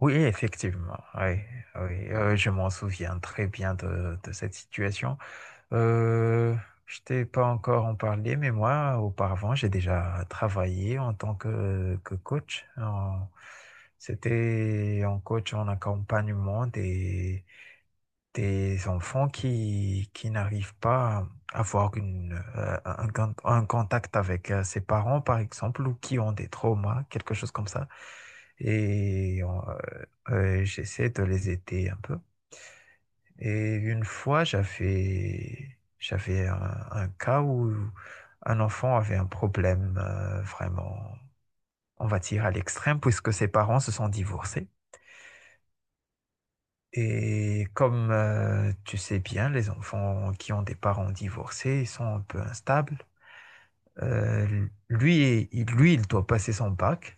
Oui, effectivement. Oui, oui, je m'en souviens très bien de cette situation. Euh, je t'ai pas encore en parlé, mais moi, auparavant, j'ai déjà travaillé en tant que coach. C'était en coach en accompagnement des enfants qui n'arrivent pas à avoir un contact avec ses parents, par exemple, ou qui ont des traumas, quelque chose comme ça. Et euh, J'essaie de les aider un peu. Et une fois, j'avais un cas où un enfant avait un problème vraiment, on va dire, à l'extrême, puisque ses parents se sont divorcés. Et comme tu sais bien, les enfants qui ont des parents divorcés, ils sont un peu instables. Lui, il doit passer son bac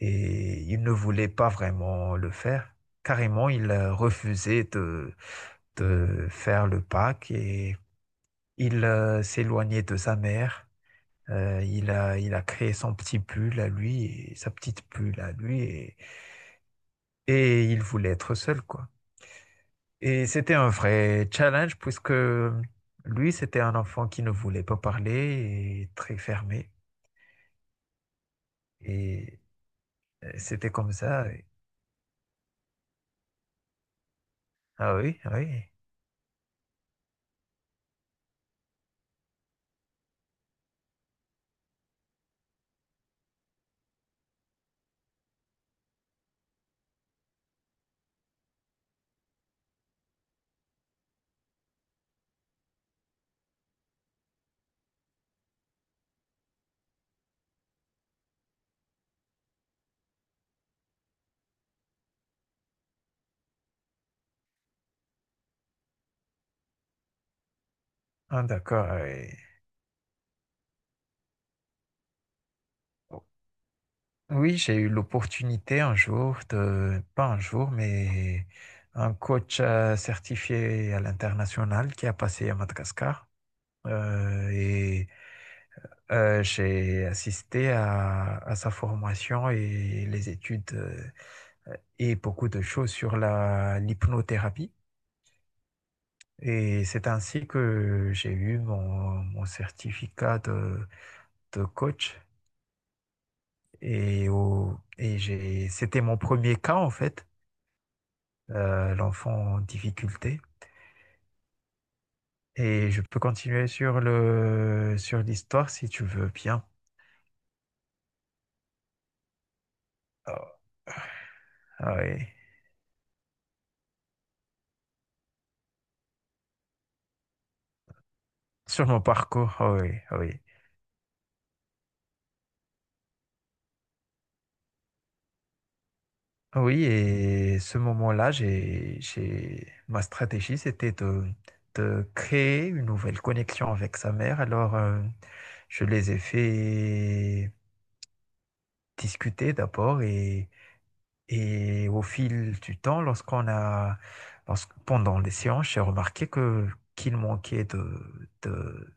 et il ne voulait pas vraiment le faire. Carrément, il refusait de faire le bac et il s'éloignait de sa mère. Il a créé son petit pull à lui et sa petite pull à lui et il voulait être seul, quoi. Et c'était un vrai challenge puisque lui, c'était un enfant qui ne voulait pas parler et très fermé. Et c'était comme ça. Ah oui, ah oui. Ah d'accord. Ah oui. Oh. Oui, j'ai eu l'opportunité un jour de, pas un jour, mais un coach certifié à l'international qui a passé à Madagascar. Euh, et j'ai assisté à sa formation et les études. Et beaucoup de choses sur l'hypnothérapie. Et c'est ainsi que j'ai eu mon, mon certificat de coach. Et j'ai, c'était mon premier cas, en fait, l'enfant en difficulté. Et je peux continuer sur sur l'histoire si tu veux bien. Ah, ah oui. Sur mon parcours, ah oui, ah oui. Oui, et ce moment-là, j'ai... Ma stratégie, c'était de créer une nouvelle connexion avec sa mère. Alors, je les ai fait discuter d'abord et au fil du temps, pendant les séances, j'ai remarqué que qu'il manquait de, de,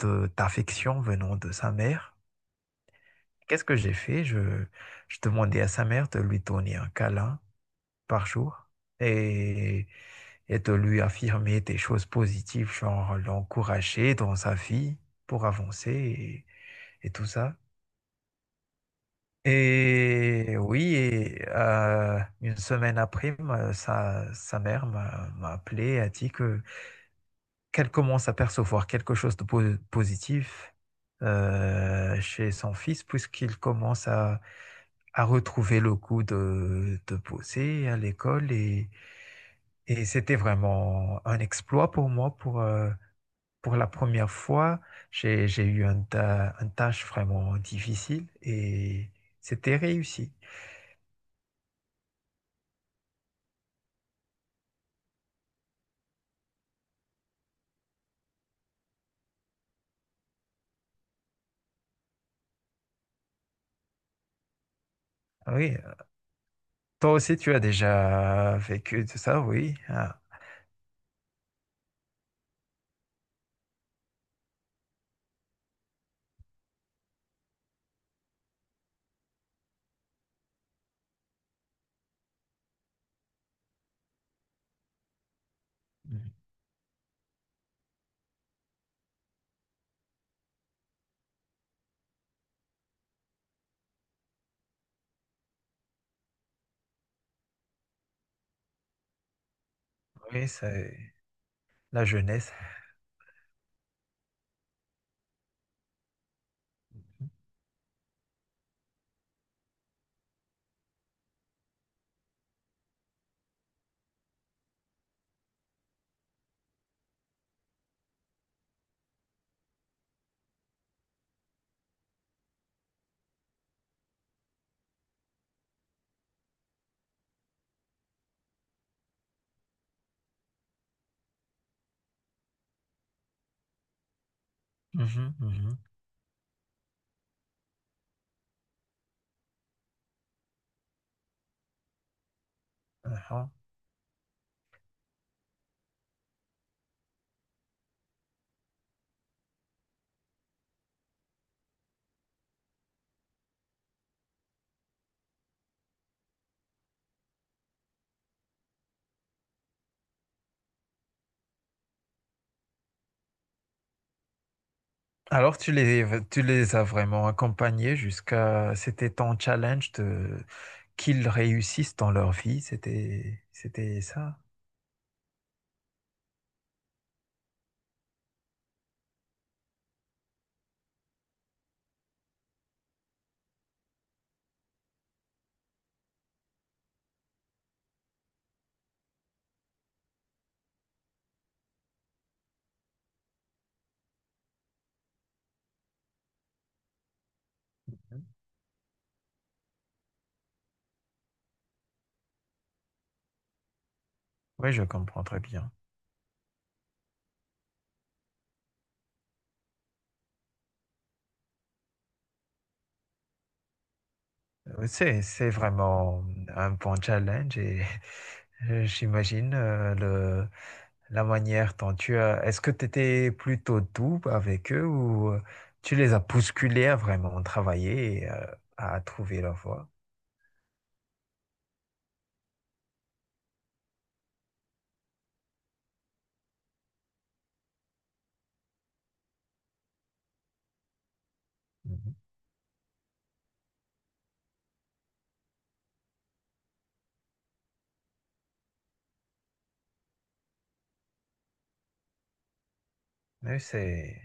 de- d'affection venant de sa mère. Qu'est-ce que j'ai fait? Je demandais à sa mère de lui donner un câlin par jour et, et de lui affirmer des choses positives, genre l'encourager dans sa vie pour avancer et tout ça. Et oui, et, une semaine après, sa mère m'a appelé et a dit que qu'elle commence à percevoir quelque chose de positif chez son fils puisqu'il commence à retrouver le goût de bosser à l'école et c'était vraiment un exploit pour moi. Pour la première fois, j'ai eu une tâche vraiment difficile et c'était réussi. Ah oui, toi aussi tu as déjà vécu de ça, oui. Ah, mm. Oui, c'est la jeunesse. Mhm, mhm. Ah. Alors, tu les as vraiment accompagnés jusqu'à... C'était ton challenge de... qu'ils réussissent dans leur vie. C'était, c'était ça. Oui, je comprends très bien. C'est vraiment un bon challenge et j'imagine la manière dont tu as... Est-ce que tu étais plutôt doux avec eux ou tu les as bousculés à vraiment travailler et à trouver leur voie? Mhm. Oui, c'est...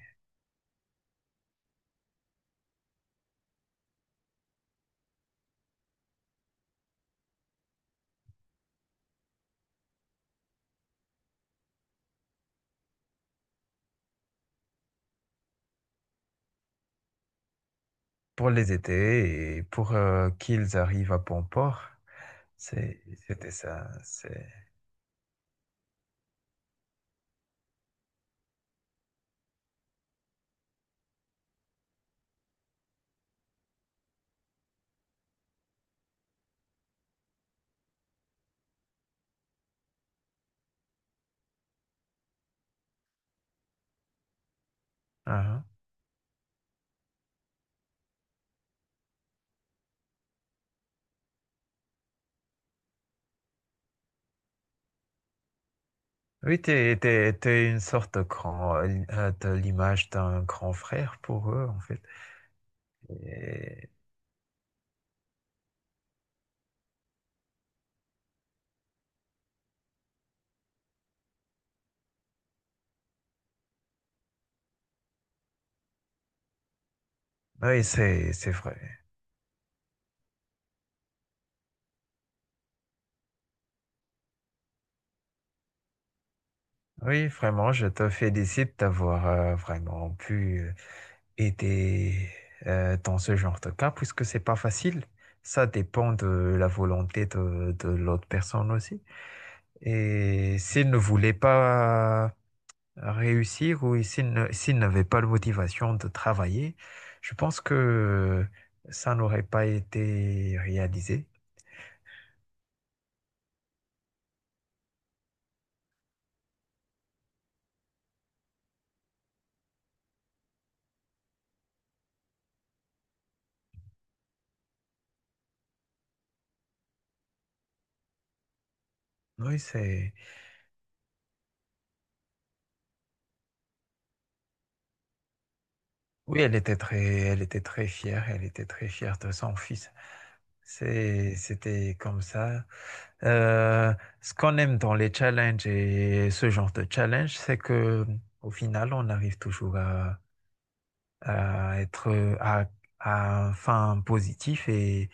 Pour les aider et pour qu'ils arrivent à bon port. C'est- C'était ça. C'est... Ah, ah. Oui, t'es une sorte de grand, de l'image d'un grand frère pour eux, en fait. Et- Oui, c'est vrai. Oui, vraiment, je te félicite d'avoir vraiment pu aider dans ce genre de cas, puisque c'est pas facile. Ça dépend de la volonté de l'autre personne aussi. Et s'il ne voulait pas réussir ou s'il n'avait pas la motivation de travailler, je pense que ça n'aurait pas été réalisé. Oui, c'est, oui, elle était très fière, elle était très fière de son fils. C'est, c'était comme ça. Euh, Ce qu'on aime dans les challenges et ce genre de challenge, c'est que au final, on arrive toujours à être à, à un fin positif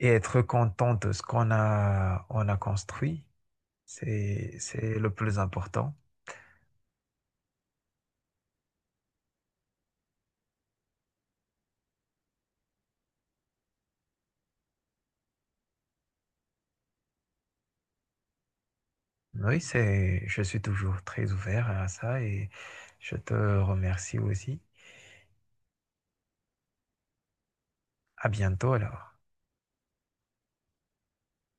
et être content de ce qu'on a, on a construit. C'est le plus important. Oui, c'est, je suis toujours très ouvert à ça et je te remercie aussi. À bientôt alors.